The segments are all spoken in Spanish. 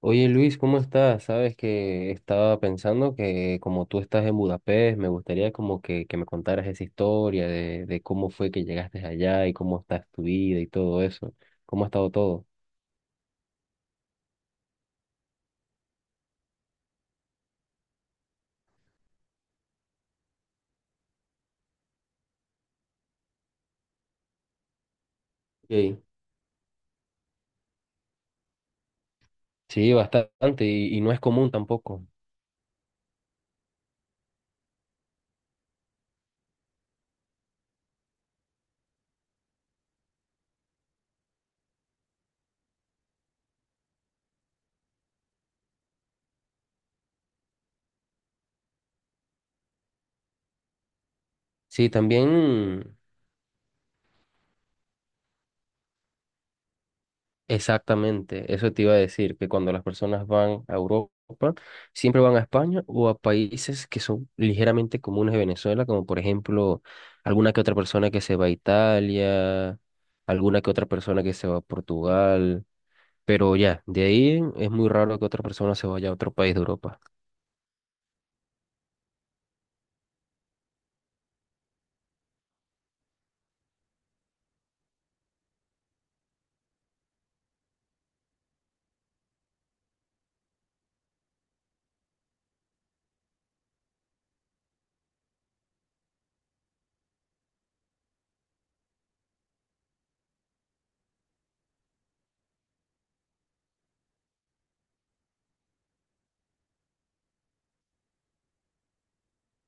Oye Luis, ¿cómo estás? Sabes que estaba pensando que como tú estás en Budapest, me gustaría como que, me contaras esa historia de cómo fue que llegaste allá y cómo está tu vida y todo eso. ¿Cómo ha estado todo? Ok. Sí, bastante y no es común tampoco. Sí, también. Exactamente, eso te iba a decir, que cuando las personas van a Europa, siempre van a España o a países que son ligeramente comunes de Venezuela, como por ejemplo alguna que otra persona que se va a Italia, alguna que otra persona que se va a Portugal, pero ya, de ahí es muy raro que otra persona se vaya a otro país de Europa.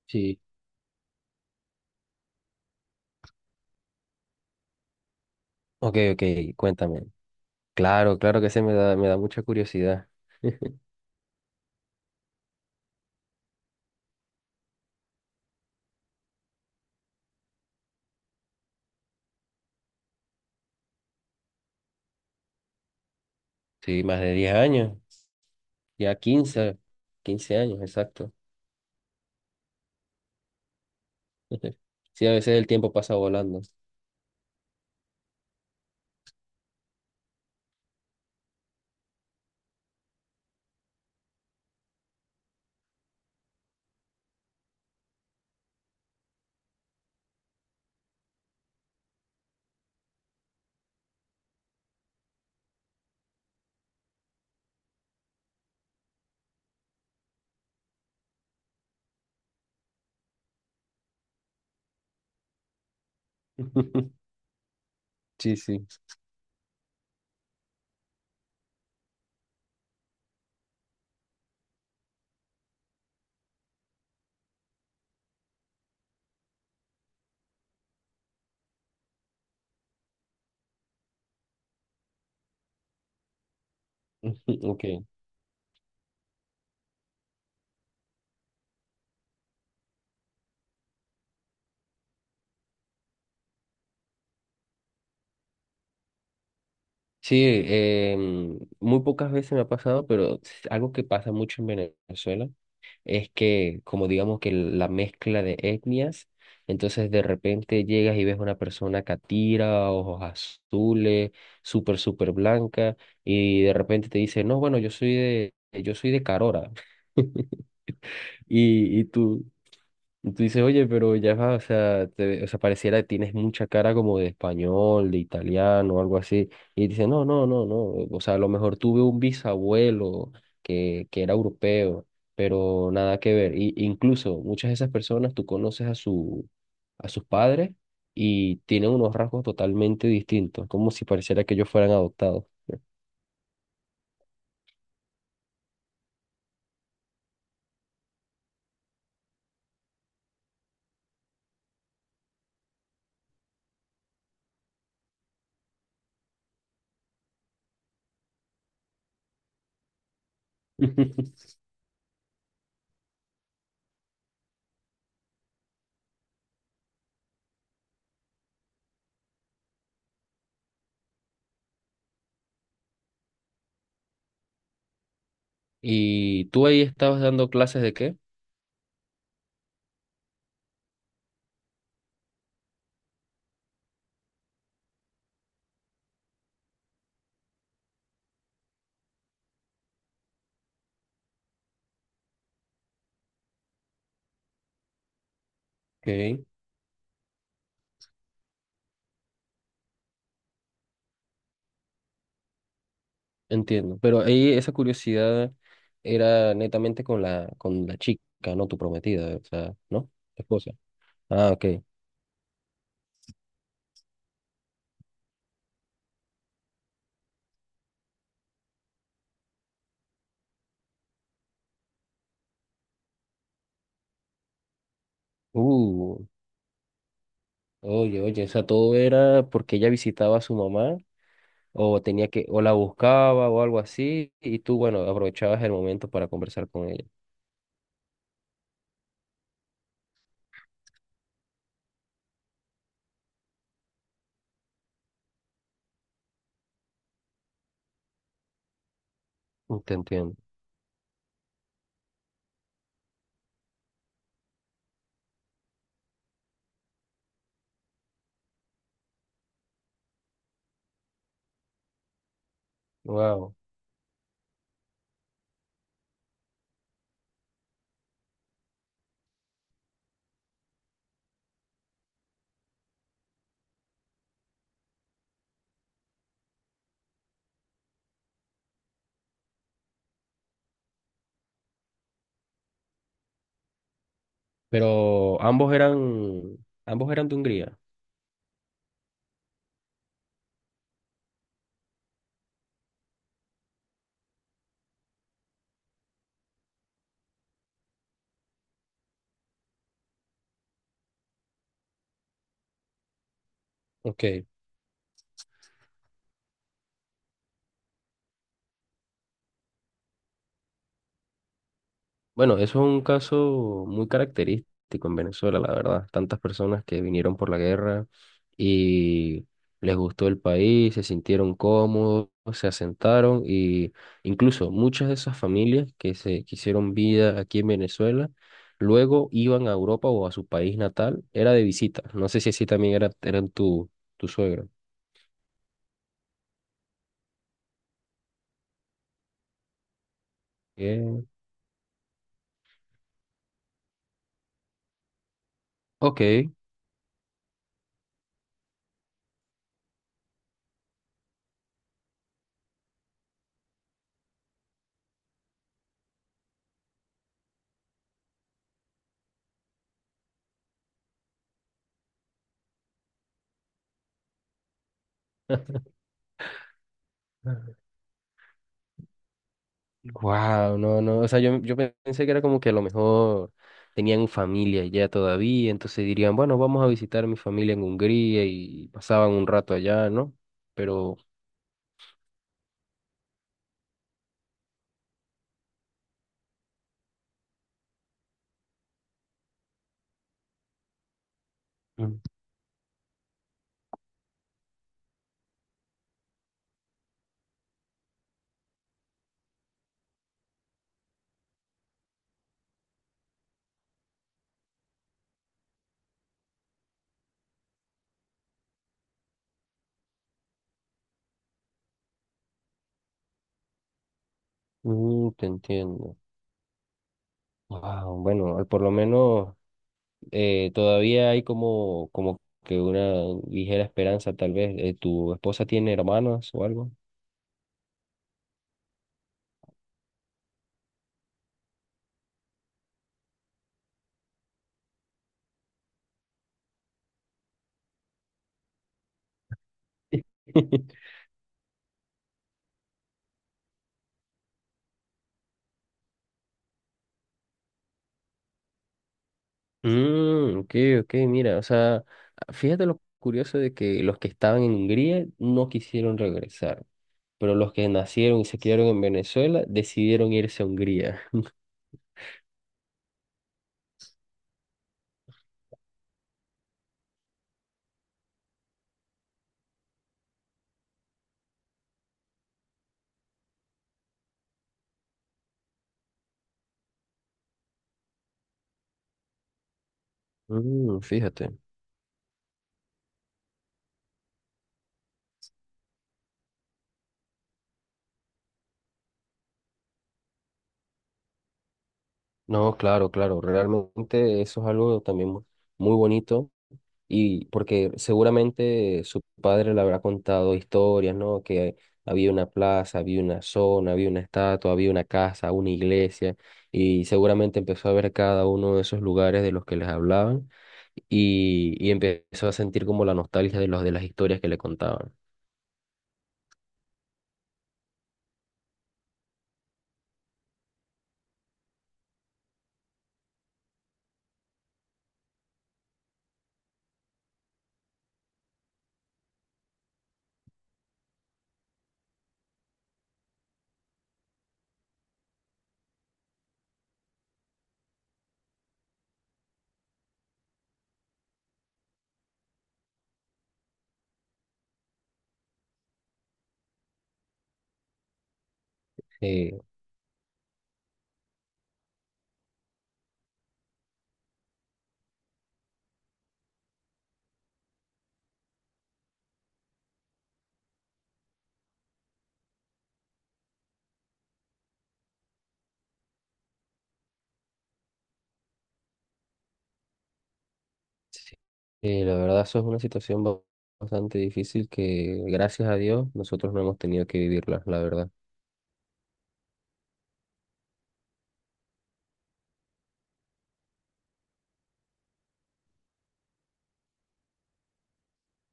Sí. Ok, ok, cuéntame. Claro, claro que se me da mucha curiosidad. Sí, más de 10 años, ya 15, 15 años, exacto. Sí, a veces el tiempo pasa volando. Sí, sí, ok. Sí, muy pocas veces me ha pasado, pero algo que pasa mucho en Venezuela es que, como digamos que la mezcla de etnias, entonces de repente llegas y ves una persona catira, ojos azules, súper, súper blanca, y de repente te dice, no, bueno, yo soy de Carora. Y, y tú, y tú dices, oye, pero ya va, o sea, te- o sea, pareciera que tienes mucha cara como de español, de italiano, algo así. Y dice, no, no, no, no. O sea, a lo mejor tuve un bisabuelo que era europeo, pero nada que ver. Y, incluso muchas de esas personas tú conoces a su, a sus padres y tienen unos rasgos totalmente distintos, como si pareciera que ellos fueran adoptados. ¿Y tú ahí estabas dando clases de qué? Ok, entiendo. Pero ahí esa curiosidad era netamente con la chica, no tu prometida, o sea, ¿no? Tu esposa. Ah, ok. Uh, oye, oye, o sea, todo era porque ella visitaba a su mamá o tenía que, o la buscaba o algo así, y tú, bueno, aprovechabas el momento para conversar con ella. Mm, te entiendo. Wow. Pero ambos eran de Hungría. Ok. Bueno, eso es un caso muy característico en Venezuela, la verdad. Tantas personas que vinieron por la guerra y les gustó el país, se sintieron cómodos, se asentaron y incluso muchas de esas familias que se que hicieron vida aquí en Venezuela, luego iban a Europa o a su país natal, era de visita. No sé si así también era, eran tu, tu suegro. Eh, ok. Wow, no, no, o sea, yo pensé que era como que a lo mejor tenían familia ya todavía, entonces dirían, bueno, vamos a visitar a mi familia en Hungría y pasaban un rato allá, ¿no? Pero mm, te entiendo. Wow, bueno, al- por lo menos todavía hay como, como que una ligera esperanza, tal vez. ¿Tu esposa tiene hermanos o algo? Mm, ok, ok, mira, o sea, fíjate lo curioso de que los que estaban en Hungría no quisieron regresar, pero los que nacieron y se criaron en Venezuela decidieron irse a Hungría. Mm, fíjate. No, claro, claro, realmente eso es algo también mu- muy bonito. Y porque seguramente su padre le habrá contado historias, ¿no? Que había una plaza, había una zona, había una estatua, había una casa, una iglesia, y seguramente empezó a ver cada uno de esos lugares de los que les hablaban y empezó a sentir como la nostalgia de los de las historias que le contaban. Eh, sí, la verdad eso es una situación ba- bastante difícil que gracias a Dios nosotros no hemos tenido que vivirla, la verdad.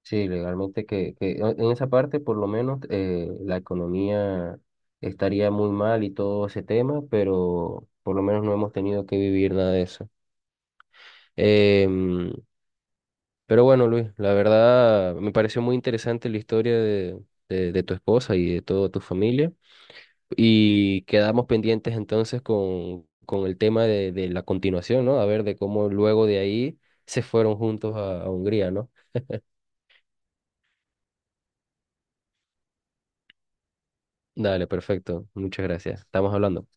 Sí, legalmente que en esa parte por lo menos la economía estaría muy mal y todo ese tema, pero por lo menos no hemos tenido que vivir nada de eso. Em, pero bueno, Luis, la verdad me pareció muy interesante la historia de tu esposa y de toda tu familia y quedamos pendientes entonces con el tema de la continuación, ¿no? A ver de cómo luego de ahí se fueron juntos a Hungría, ¿no? Dale, perfecto. Muchas gracias. Estamos hablando.